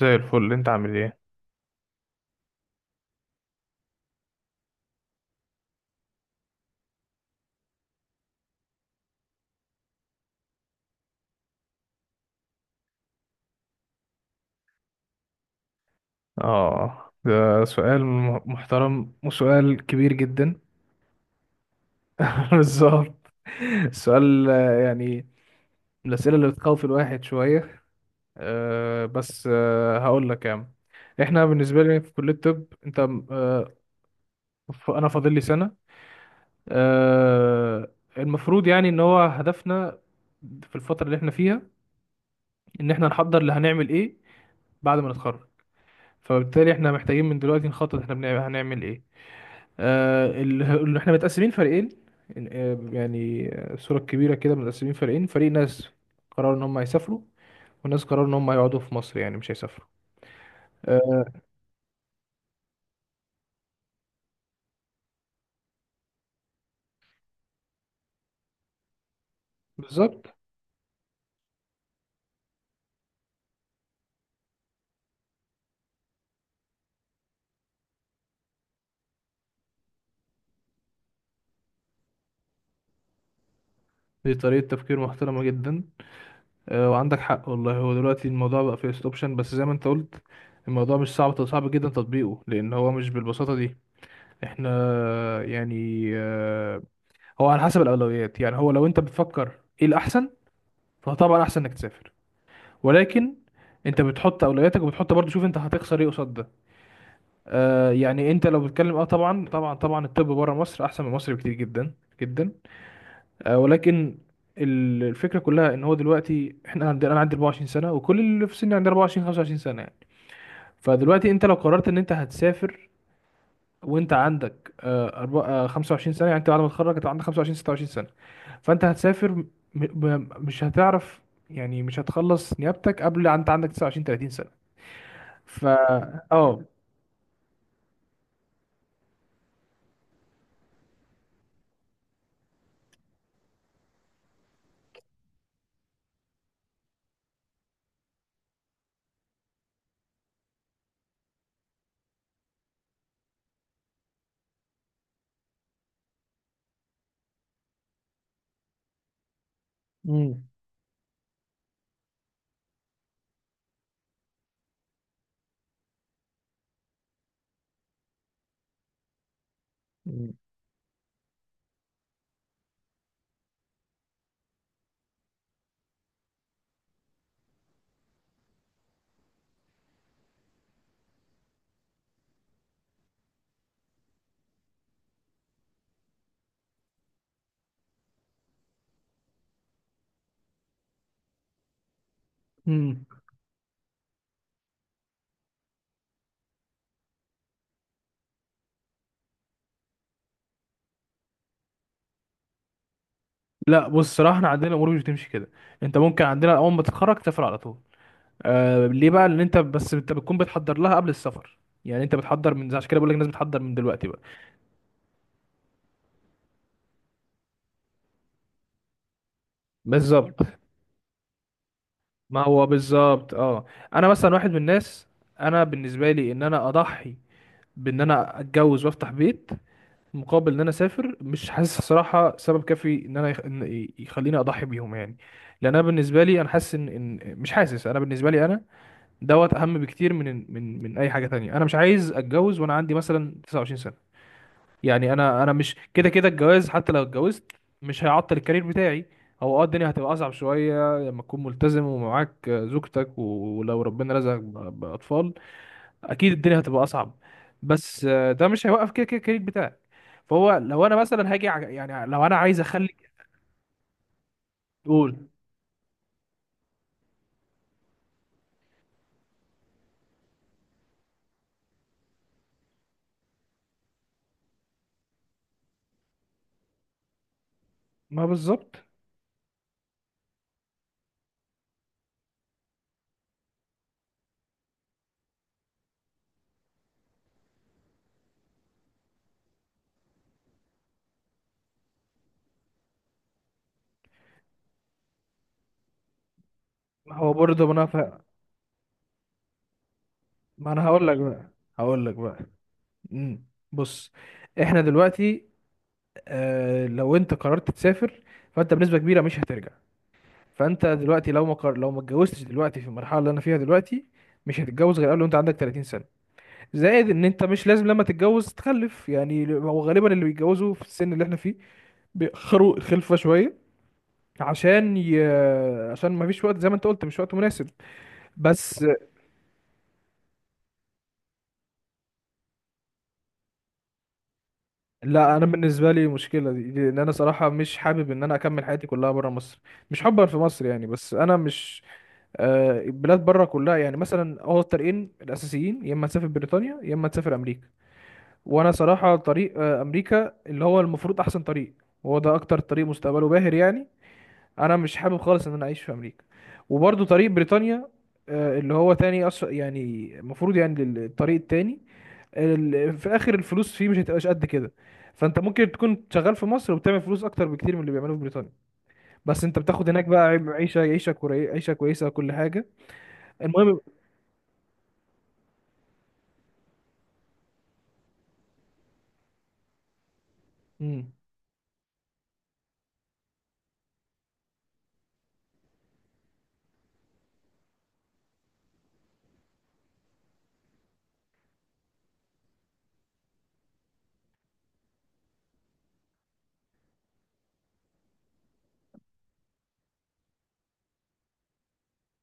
زي الفل، انت عامل ايه؟ اه ده سؤال محترم وسؤال كبير جدا. بالظبط. السؤال، يعني من الاسئله اللي بتخوف الواحد شويه. بس هقول لك يا عم. احنا بالنسبه لي في كليه الطب، انت. أه انا فاضل لي سنه. أه المفروض يعني ان هو هدفنا في الفتره اللي احنا فيها ان احنا نحضر اللي هنعمل ايه بعد ما نتخرج. فبالتالي احنا محتاجين من دلوقتي نخطط احنا هنعمل ايه. اللي احنا متقسمين فريقين. يعني، صورة كبيرة كده، متقسمين فريقين، فريق ناس قرروا ان هم يسافروا، وناس قرروا ان هم يقعدوا في مصر، يعني مش هيسافروا. آه. بالظبط. دي طريقة تفكير محترمة جدا. وعندك حق والله، هو دلوقتي الموضوع بقى فيه اوبشن، بس زي ما انت قلت الموضوع مش صعب صعب جدا تطبيقه، لان هو مش بالبساطة دي. احنا آه، يعني آه، هو على حسب الاولويات، يعني هو لو انت بتفكر ايه الاحسن، فطبعا احسن انك تسافر. ولكن انت بتحط اولوياتك، وبتحط برضو شوف انت هتخسر ايه قصاد ده. يعني انت لو بتتكلم، طبعا طبعا طبعا الطب بره مصر احسن من مصر بكتير جدا، جدا. ولكن الفكره كلها ان هو دلوقتي، احنا عندي انا عندي 24 سنه، وكل اللي في سني عندي 24 25 سنه يعني. فدلوقتي انت لو قررت ان انت هتسافر، وانت عندك 25 سنه، يعني انت بعد ما تتخرج انت عندك 25 26 سنه، فانت هتسافر، ب... مش هتعرف، يعني مش هتخلص نيابتك قبل انت عندك 29 30 سنه. ف اه مم. مم. مم. لا، بص، صراحة احنا عندنا الامور مش بتمشي كده. انت ممكن عندنا اول ما تتخرج تسافر على طول. ليه بقى؟ لان انت، بس انت بتكون بتحضر لها قبل السفر. يعني انت بتحضر من، عشان كده بقول لك الناس بتحضر من دلوقتي بقى. بالظبط. ما هو بالظبط. اه انا مثلا واحد من الناس، انا بالنسبة لي ان انا اضحي بان انا اتجوز وافتح بيت مقابل ان انا اسافر، مش حاسس صراحه سبب كافي ان انا يخليني اضحي بيهم يعني. لان انا بالنسبه لي انا حاسس ان، مش حاسس، انا بالنسبه لي انا دوت اهم بكتير من اي حاجه تانية. انا مش عايز اتجوز وانا عندي مثلا 29 سنه، يعني انا مش كده كده الجواز. حتى لو اتجوزت مش هيعطل الكارير بتاعي. هو الدنيا هتبقى اصعب شويه لما تكون ملتزم ومعاك زوجتك، ولو ربنا رزقك باطفال اكيد الدنيا هتبقى اصعب. بس ده مش هيوقف كده كده الكارير بتاعك. فهو لو انا مثلا هاجي ع- يعني لو انا عايز اخلي. تقول. ما بالظبط. ما هو برضه، ما انا هقول لك بقى. هقول لك بقى. مم. بص، احنا دلوقتي، لو انت قررت تسافر فانت بنسبة كبيرة مش هترجع. فانت دلوقتي، لو ما اتجوزتش دلوقتي في المرحلة اللي انا فيها دلوقتي، مش هتتجوز غير قبل وانت عندك 30 سنة. زائد ان انت مش لازم لما تتجوز تخلف، يعني هو غالبا اللي بيتجوزوا في السن اللي احنا فيه بيأخروا الخلفة شوية، عشان ي... عشان ما فيش وقت زي ما انت قلت، مش وقت مناسب. بس لا، انا بالنسبه لي مشكله دي، لان انا صراحه مش حابب ان انا اكمل حياتي كلها بره مصر. مش حبا في مصر يعني، بس انا مش، البلاد بره كلها يعني. مثلا هو الطريقين الاساسيين، يا اما تسافر بريطانيا يا اما تسافر امريكا. وانا صراحه طريق امريكا، اللي هو المفروض احسن طريق، وهو ده اكتر طريق مستقبله باهر يعني. انا مش حابب خالص ان انا اعيش في امريكا. وبرضو طريق بريطانيا، اللي هو تاني يعني المفروض يعني الطريق التاني. في الاخر الفلوس فيه مش هتبقاش قد كده، فانت ممكن تكون شغال في مصر وبتعمل فلوس اكتر بكتير من اللي بيعملوه في بريطانيا. بس انت بتاخد هناك بقى عيشه كويسه وكل حاجه. المهم. امم.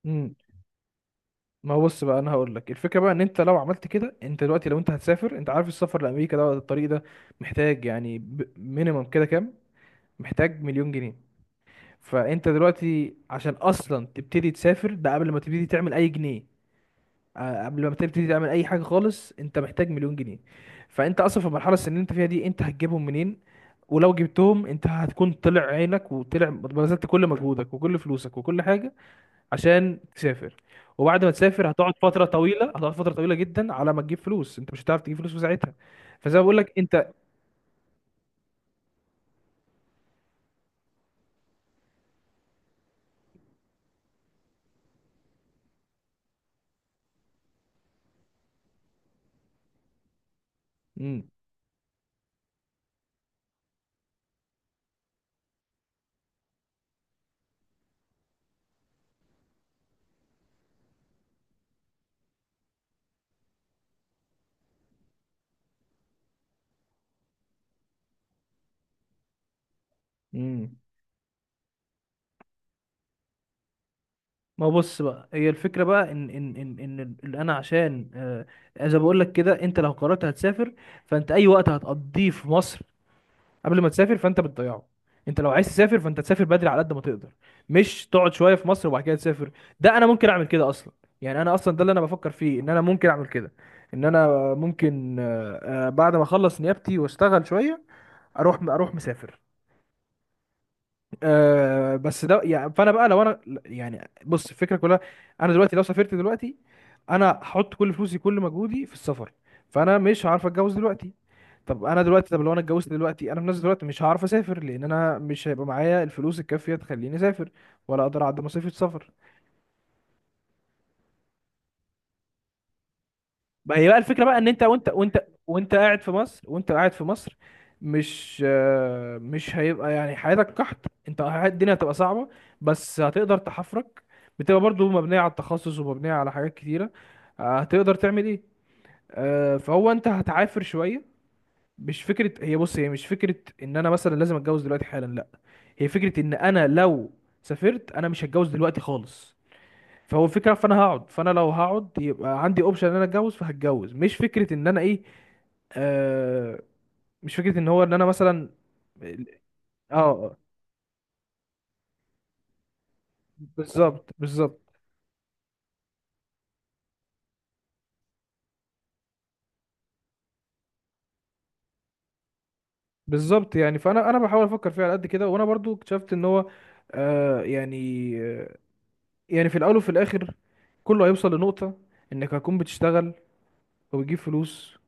امم. ما هو بص بقى، انا هقول لك الفكره بقى ان انت لو عملت كده، انت دلوقتي لو انت هتسافر، انت عارف السفر لامريكا ده، الطريق ده محتاج يعني، مينيمم كده كام؟ محتاج مليون جنيه. فانت دلوقتي عشان اصلا تبتدي تسافر، ده قبل ما تبتدي تعمل اي جنيه، قبل ما تبتدي تعمل اي حاجه خالص انت محتاج مليون جنيه. فانت اصلا في المرحله السنيه اللي انت فيها دي، انت هتجيبهم منين؟ ولو جبتهم انت هتكون طلع عينك، وطلع بذلت كل مجهودك وكل فلوسك وكل حاجه عشان تسافر. وبعد ما تسافر هتقعد فتره طويله، هتقعد فتره طويله جدا على ما تجيب فلوس، انت مش هتعرف تجيب فلوس في ساعتها. فزي ما بقول لك انت. مم. مم. ما هو بص بقى، هي الفكرة بقى اللي انا، عشان زي ما بقول لك كده، انت لو قررت هتسافر فانت اي وقت هتقضيه في مصر قبل ما تسافر فانت بتضيعه. انت لو عايز تسافر فانت تسافر بدري على قد ما تقدر، مش تقعد شوية في مصر وبعد كده تسافر. ده انا ممكن اعمل كده اصلا، يعني انا اصلا ده اللي انا بفكر فيه، ان انا ممكن اعمل كده. ان انا ممكن بعد ما اخلص نيابتي واشتغل شوية اروح، مسافر. بس ده يعني، فانا بقى لو انا، يعني بص الفكره كلها، انا دلوقتي لو سافرت دلوقتي انا هحط كل فلوسي كل مجهودي في السفر، فانا مش هعرف اتجوز دلوقتي. طب انا دلوقتي، لو انا اتجوزت دلوقتي انا في نفس الوقت مش هعرف اسافر، لان انا مش هيبقى معايا الفلوس الكافيه تخليني اسافر، ولا اقدر اعدي مصاريف السفر. ما هي بقى الفكرة بقى ان انت وانت وانت وانت قاعد في مصر، مش هيبقى يعني حياتك قحط، انت الدنيا هتبقى صعبة بس هتقدر تحفرك، بتبقى برضو مبنية على التخصص ومبنية على حاجات كتيرة. هتقدر تعمل ايه، فهو انت هتعافر شوية. مش فكرة هي بص، هي مش فكرة ان انا مثلا لازم اتجوز دلوقتي حالا، لا. هي فكرة ان انا لو سافرت انا مش هتجوز دلوقتي خالص. فهو الفكره، فانا لو هقعد يبقى عندي اوبشن ان انا اتجوز فهتجوز، مش فكره ان انا ايه. آه مش فكره ان هو ان انا مثلا. اه. بالظبط بالظبط بالظبط. يعني فانا بحاول افكر فيها على قد كده، وانا برضو اكتشفت ان هو يعني، في الاول وفي الاخر كله هيوصل لنقطه انك هتكون بتشتغل وبتجيب فلوس،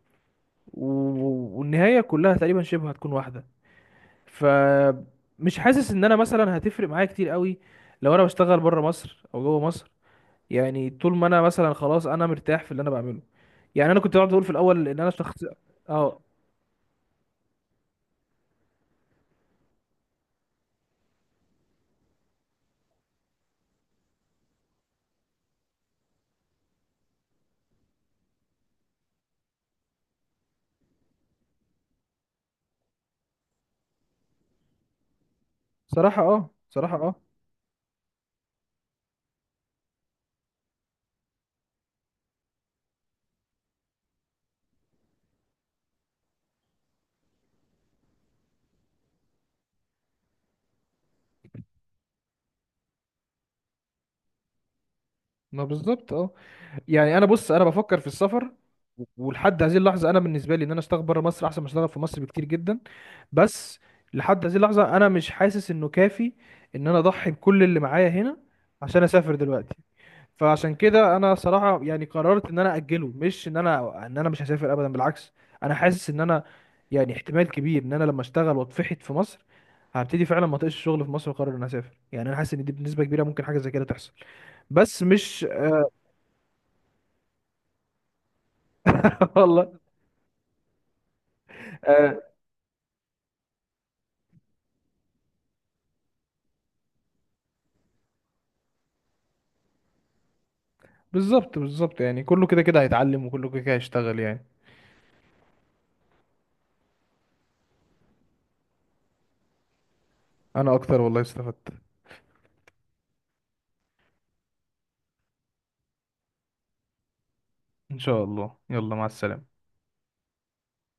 والنهايه كلها تقريبا شبه هتكون واحده. فمش حاسس ان انا مثلا هتفرق معايا كتير قوي لو انا بشتغل بره مصر او جوه مصر. يعني طول ما انا مثلا خلاص انا مرتاح في اللي انا بعمله. يعني انا كنت بقعد اقول في الاول ان انا شخص. اه. صراحة. اه. صراحة. اه. ما بالظبط. اه يعني انا، بص، بفكر في السفر، ولحد هذه اللحظة انا بالنسبة لي ان انا اشتغل بره مصر احسن ما اشتغل في مصر بكتير جدا. بس لحد هذه اللحظة انا مش حاسس انه كافي ان انا اضحي بكل اللي معايا هنا عشان اسافر دلوقتي. فعشان كده انا صراحه يعني قررت ان انا اجله، مش ان انا مش هسافر ابدا، بالعكس. انا حاسس ان انا، يعني احتمال كبير ان انا لما اشتغل واتفحت في مصر هبتدي فعلا ما اطيقش الشغل في مصر واقرر ان أنا اسافر. يعني انا حاسس ان دي بنسبه كبيره ممكن حاجه زي كده تحصل. بس مش، والله. آه بالظبط بالظبط، يعني كله كده كده هيتعلم وكله كده كده هيشتغل يعني. انا اكتر والله استفدت. ان شاء الله، يلا مع السلامه.